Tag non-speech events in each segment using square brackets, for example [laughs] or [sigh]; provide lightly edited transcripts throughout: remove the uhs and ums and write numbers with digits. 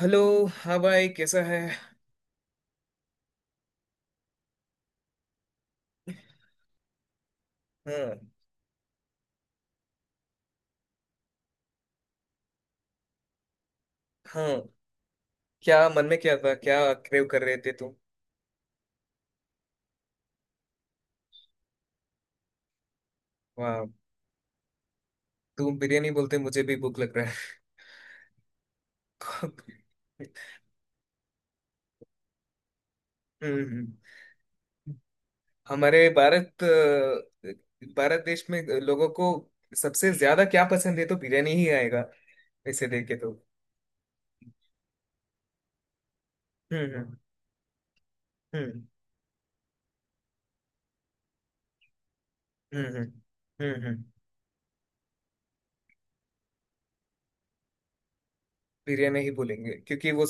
Hello. हाँ भाई, कैसा है? हाँ हाँ। क्या मन में क्या था? क्या क्रेव कर रहे थे तुम? वाह। तुम बिरयानी बोलते मुझे भी भूख लग रहा है। [laughs] हम्म। हमारे भारत देश में लोगों को सबसे ज्यादा क्या पसंद है तो बिरयानी ही आएगा, इसे देख के तो। हम्म। हम्म। हम्म। हम्म। हम्म। बिरयानी ही बोलेंगे, क्योंकि वो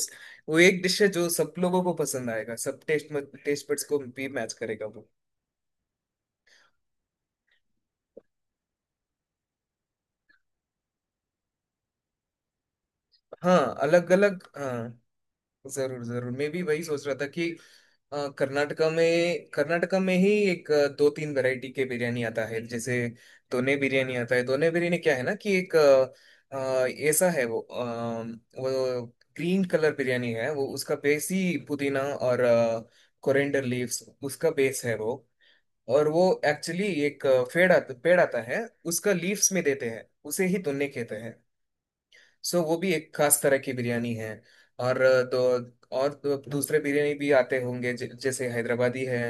वो एक डिश है जो सब लोगों को पसंद आएगा। सब टेस्ट टेस्ट बड्स को भी मैच करेगा। हाँ, अलग अलग। हाँ। जरूर जरूर, मैं भी वही सोच रहा था कि कर्नाटका में ही एक दो तीन वैरायटी के बिरयानी आता है, जैसे दोने बिरयानी आता है। दोने बिरयानी क्या है ना कि एक ऐसा है वो, वो ग्रीन कलर बिरयानी है। वो उसका बेस ही पुदीना और कोरिएंडर लीव्स, उसका बेस है वो। और वो एक्चुअली एक पेड़ आता है, उसका लीव्स में देते हैं, उसे ही दोने कहते हैं। सो वो भी एक खास तरह की बिरयानी है। और तो दूसरे बिरयानी भी आते होंगे, जैसे हैदराबादी है।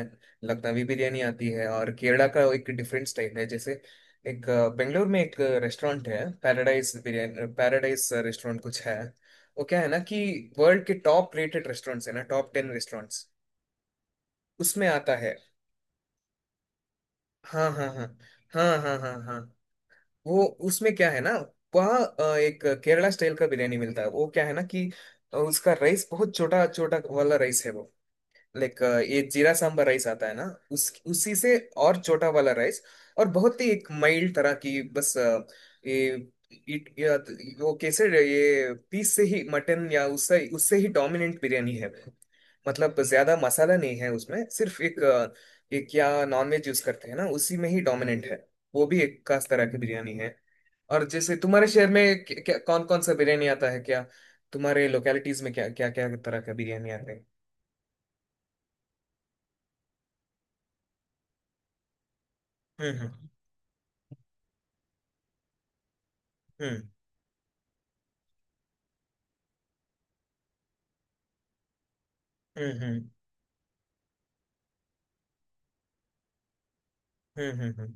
लखनवी बिरयानी आती है, और केरला का एक डिफरेंट स्टाइल है। जैसे एक बेंगलोर में एक रेस्टोरेंट है, पैराडाइज बिरयानी, पैराडाइज रेस्टोरेंट कुछ है। वो क्या है ना कि वर्ल्ड के टॉप रेटेड रेस्टोरेंट्स है ना, टॉप टेन रेस्टोरेंट्स, उसमें आता है। हाँ, हाँ, हाँ। हाँ, हाँ, हाँ, हाँ। वो उसमें क्या है ना, वहाँ एक केरला स्टाइल का बिरयानी मिलता है। वो क्या है ना कि उसका राइस बहुत छोटा छोटा वाला राइस है वो, लाइक, ये जीरा सांबर राइस आता है ना, उस उसी से, और छोटा वाला राइस, और बहुत ही एक माइल्ड तरह की बस ये, इट या वो कैसे, ये पीस से ही मटन या उससे उससे ही डोमिनेंट बिरयानी है। मतलब ज्यादा मसाला नहीं है उसमें, सिर्फ एक एक या नॉनवेज यूज करते हैं ना, उसी में ही डोमिनेंट है। वो भी एक खास तरह की बिरयानी है। और जैसे तुम्हारे शहर में क्या, क्या कौन कौन सा बिरयानी आता है? क्या तुम्हारे लोकेलिटीज में क्या क्या क्या तरह का बिरयानी आता है? हम्म। हम्म। हम्म। हम्म। हम्म। हम्म। हम्म।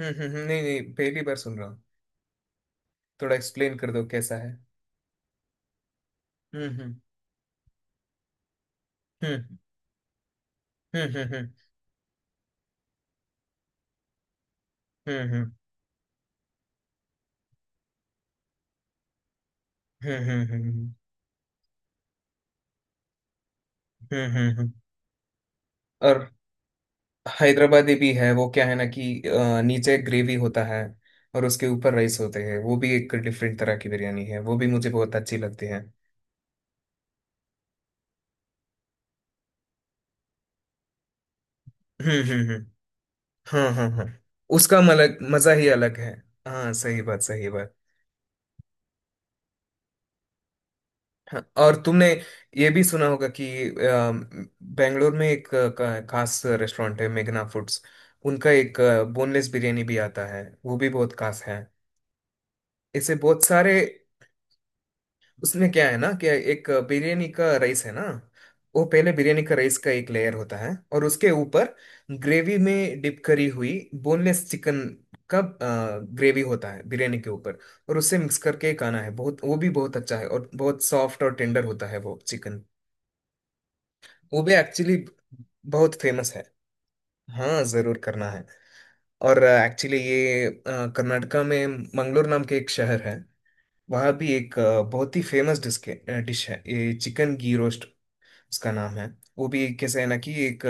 हम्म। नहीं नहीं, पहली बार सुन रहा हूँ। थोड़ा एक्सप्लेन कर दो, कैसा है। हम्म। हम्म। हम्म। हम्म। हम्म। हम्म। हम्म। हम्म। हम्म। हम्म। और हैदराबादी भी है, वो क्या है ना कि नीचे ग्रेवी होता है, और उसके ऊपर राइस होते हैं। वो भी एक डिफरेंट तरह की बिरयानी है, वो भी मुझे बहुत अच्छी लगती है। हम्म। हम्म। हाँ, हाँ, हाँ, उसका मलक मजा ही अलग है। हाँ, सही बात, सही बात। हाँ, और तुमने ये भी सुना होगा कि बेंगलोर में एक खास रेस्टोरेंट है, मेघना फूड्स। उनका एक बोनलेस बिरयानी भी आता है, वो भी बहुत खास है, ऐसे बहुत सारे। उसमें क्या है ना कि एक बिरयानी का राइस है ना, वो पहले बिरयानी का राइस का एक लेयर होता है, और उसके ऊपर ग्रेवी में डिप करी हुई बोनलेस चिकन का ग्रेवी होता है, बिरयानी के ऊपर। और उससे मिक्स करके खाना है, बहुत वो भी बहुत अच्छा है, और बहुत सॉफ्ट और टेंडर होता है वो चिकन। वो भी एक्चुअली बहुत फेमस है। हाँ, जरूर करना है। और एक्चुअली ये कर्नाटका में मंगलोर नाम के एक शहर है। वहाँ भी एक बहुत ही फेमस डिश डिश है, ये चिकन घी रोस्ट उसका नाम है। वो भी कैसे है ना कि एक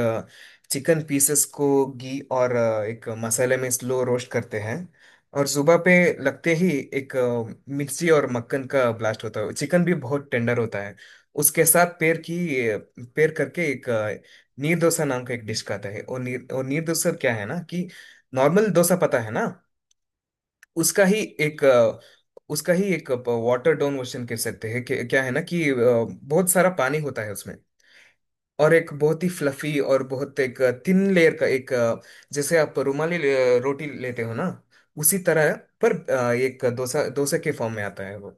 चिकन पीसेस को घी और एक मसाले में स्लो रोस्ट करते हैं, और सुबह पे लगते ही एक मिर्ची और मक्खन का ब्लास्ट होता है। चिकन भी बहुत टेंडर होता है। उसके साथ पेर करके एक नीर डोसा नाम का एक डिश का आता है। और नीर डोसा क्या है ना कि नॉर्मल डोसा पता है ना। उसका ही एक अ, उसका ही एक वाटर डाउन वर्जन कह सकते हैं, क्या है ना कि बहुत सारा पानी होता है उसमें। और एक बहुत ही फ्लफी और बहुत एक थिन लेयर का एक जैसे आप रुमाली रोटी लेते हो ना, उसी तरह है, पर एक डोसा डोसा के फॉर्म में आता है वो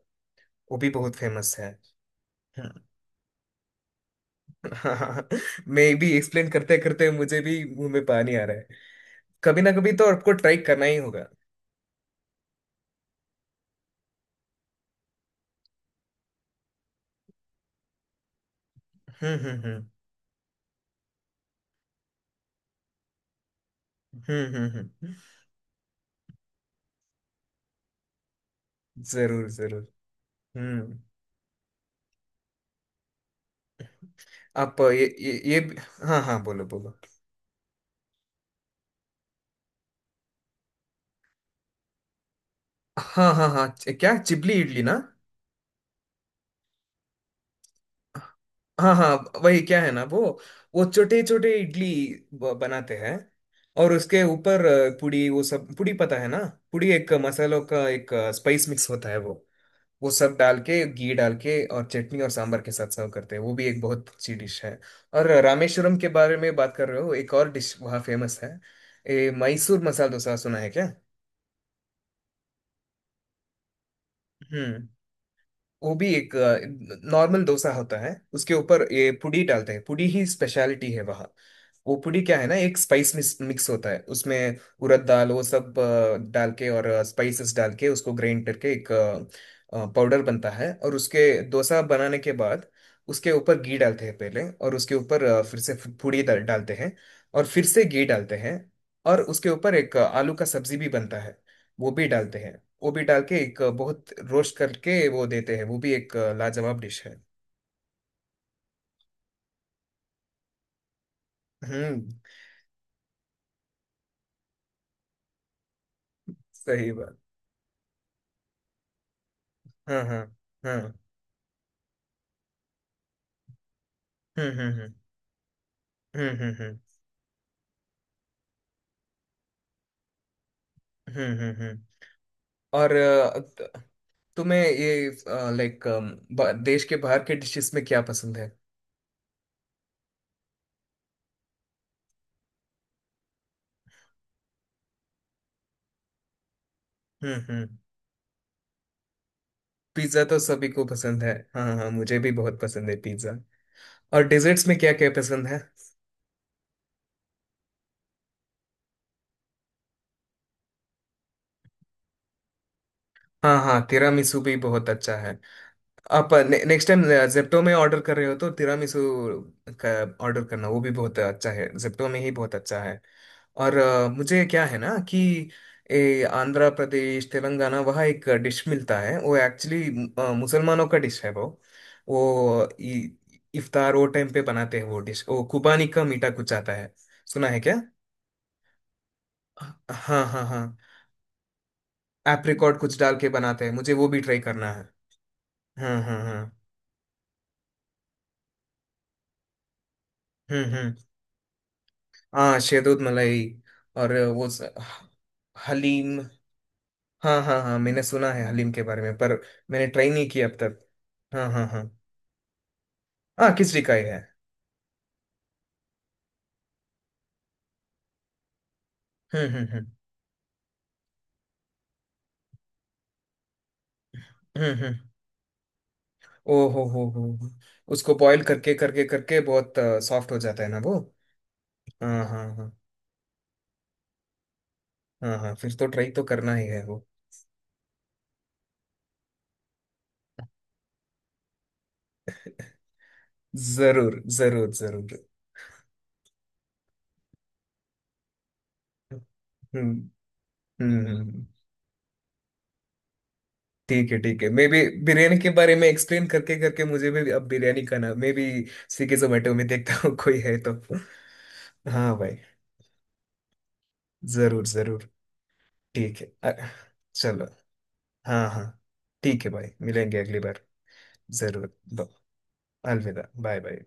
वो भी बहुत फेमस है। हाँ। [laughs] मैं भी एक्सप्लेन करते करते मुझे भी मुंह में पानी आ रहा है। कभी ना कभी तो आपको ट्राई करना ही होगा। हम्म। हम्म। हम्म। हम्म। हम्म। हम्म। जरूर जरूर। हम्म। आप ये भी-, हाँ, हाँ, बोलो बोलो। हाँ, हाँ, हाँ, क्या चिपली इडली ना? हाँ, हाँ, वही क्या है ना, वो छोटे छोटे इडली बनाते हैं। और उसके ऊपर पुड़ी, वो सब पुड़ी पता है ना, पुड़ी एक मसालों का एक स्पाइस मिक्स होता है वो। वो सब डाल के, घी डाल के, और चटनी और सांबर के साथ सर्व करते हैं। वो भी एक बहुत अच्छी डिश है। और रामेश्वरम के बारे में बात कर रहे हो, एक और डिश वहाँ फेमस है, ये मैसूर मसाला डोसा, सुना है क्या? हम्म। वो भी एक नॉर्मल डोसा होता है, उसके ऊपर ये पुड़ी डालते हैं, पुड़ी ही स्पेशलिटी है वहाँ। वो पुड़ी क्या है ना, एक स्पाइस मिक्स मिक्स होता है, उसमें उड़द दाल वो सब डाल के और स्पाइसेस डाल के उसको ग्राइंड करके एक पाउडर बनता है, और उसके डोसा बनाने के बाद उसके ऊपर घी डालते हैं पहले, और उसके ऊपर फिर से पुड़ी डालते हैं, और फिर से घी डालते हैं। और उसके ऊपर एक आलू का सब्जी भी बनता है, वो भी डालते हैं। वो भी डाल के एक बहुत रोस्ट करके वो देते हैं। वो भी एक लाजवाब डिश है। हम्म, सही बात। हाँ, हाँ, हाँ। हम्म। हम्म। हम्म। हम्म। हम्म। हम्म। हम्म। और तुम्हें ये, लाइक, देश के बाहर के डिशेस में क्या पसंद है? हम्म। हम्म। पिज्जा तो सभी को पसंद है, हाँ, हाँ, मुझे भी बहुत पसंद है पिज्जा। और डेजर्ट्स में क्या क्या पसंद है? हाँ, हाँ, तिरामिसू भी बहुत अच्छा है। आप नेक्स्ट टाइम जेप्टो में ऑर्डर कर रहे हो तो तिरामिसू का ऑर्डर करना, वो भी बहुत अच्छा है, जेप्टो में ही बहुत अच्छा है। और मुझे क्या है ना कि आंध्र प्रदेश तेलंगाना, वहाँ एक डिश मिलता है, वो एक्चुअली मुसलमानों का डिश है वो इफ्तार वो टाइम पे बनाते हैं वो डिश, वो कुबानी का मीठा कुछ आता है, सुना है क्या? हाँ, हाँ, हाँ, एप्रिकॉट कुछ डाल के बनाते हैं, मुझे वो भी ट्राई करना है। हाँ, हाँ, हाँ। हम्म। हम्म। हाँ, शहदोद मलाई। और वो हलीम। हाँ, हाँ, हाँ, मैंने सुना है हलीम के बारे में, पर मैंने ट्राई नहीं किया अब तक। हाँ हाँ हाँ। हाँ, खिचड़ी का ही है। हम्म। हम्म। हम्म। हम्म। हम्म। ओ हो हो। उसको बॉईल करके करके करके बहुत सॉफ्ट हो जाता है ना वो। हाँ, हाँ, हाँ। हाँ, हाँ, फिर तो ट्राई तो करना ही है वो। जरूर जरूर जरूर। हम्म। हम्म। ठीक है, ठीक है, मैं भी बिरयानी के बारे में एक्सप्लेन करके करके, मुझे भी अब बिरयानी खाना, मैं भी स्विगी जोमेटो में देखता हूँ [laughs] कोई है तो। हाँ भाई, जरूर जरूर। ठीक है, चलो। हाँ, हाँ, ठीक है भाई, मिलेंगे अगली बार। जरूर अलविदा। Bye bye.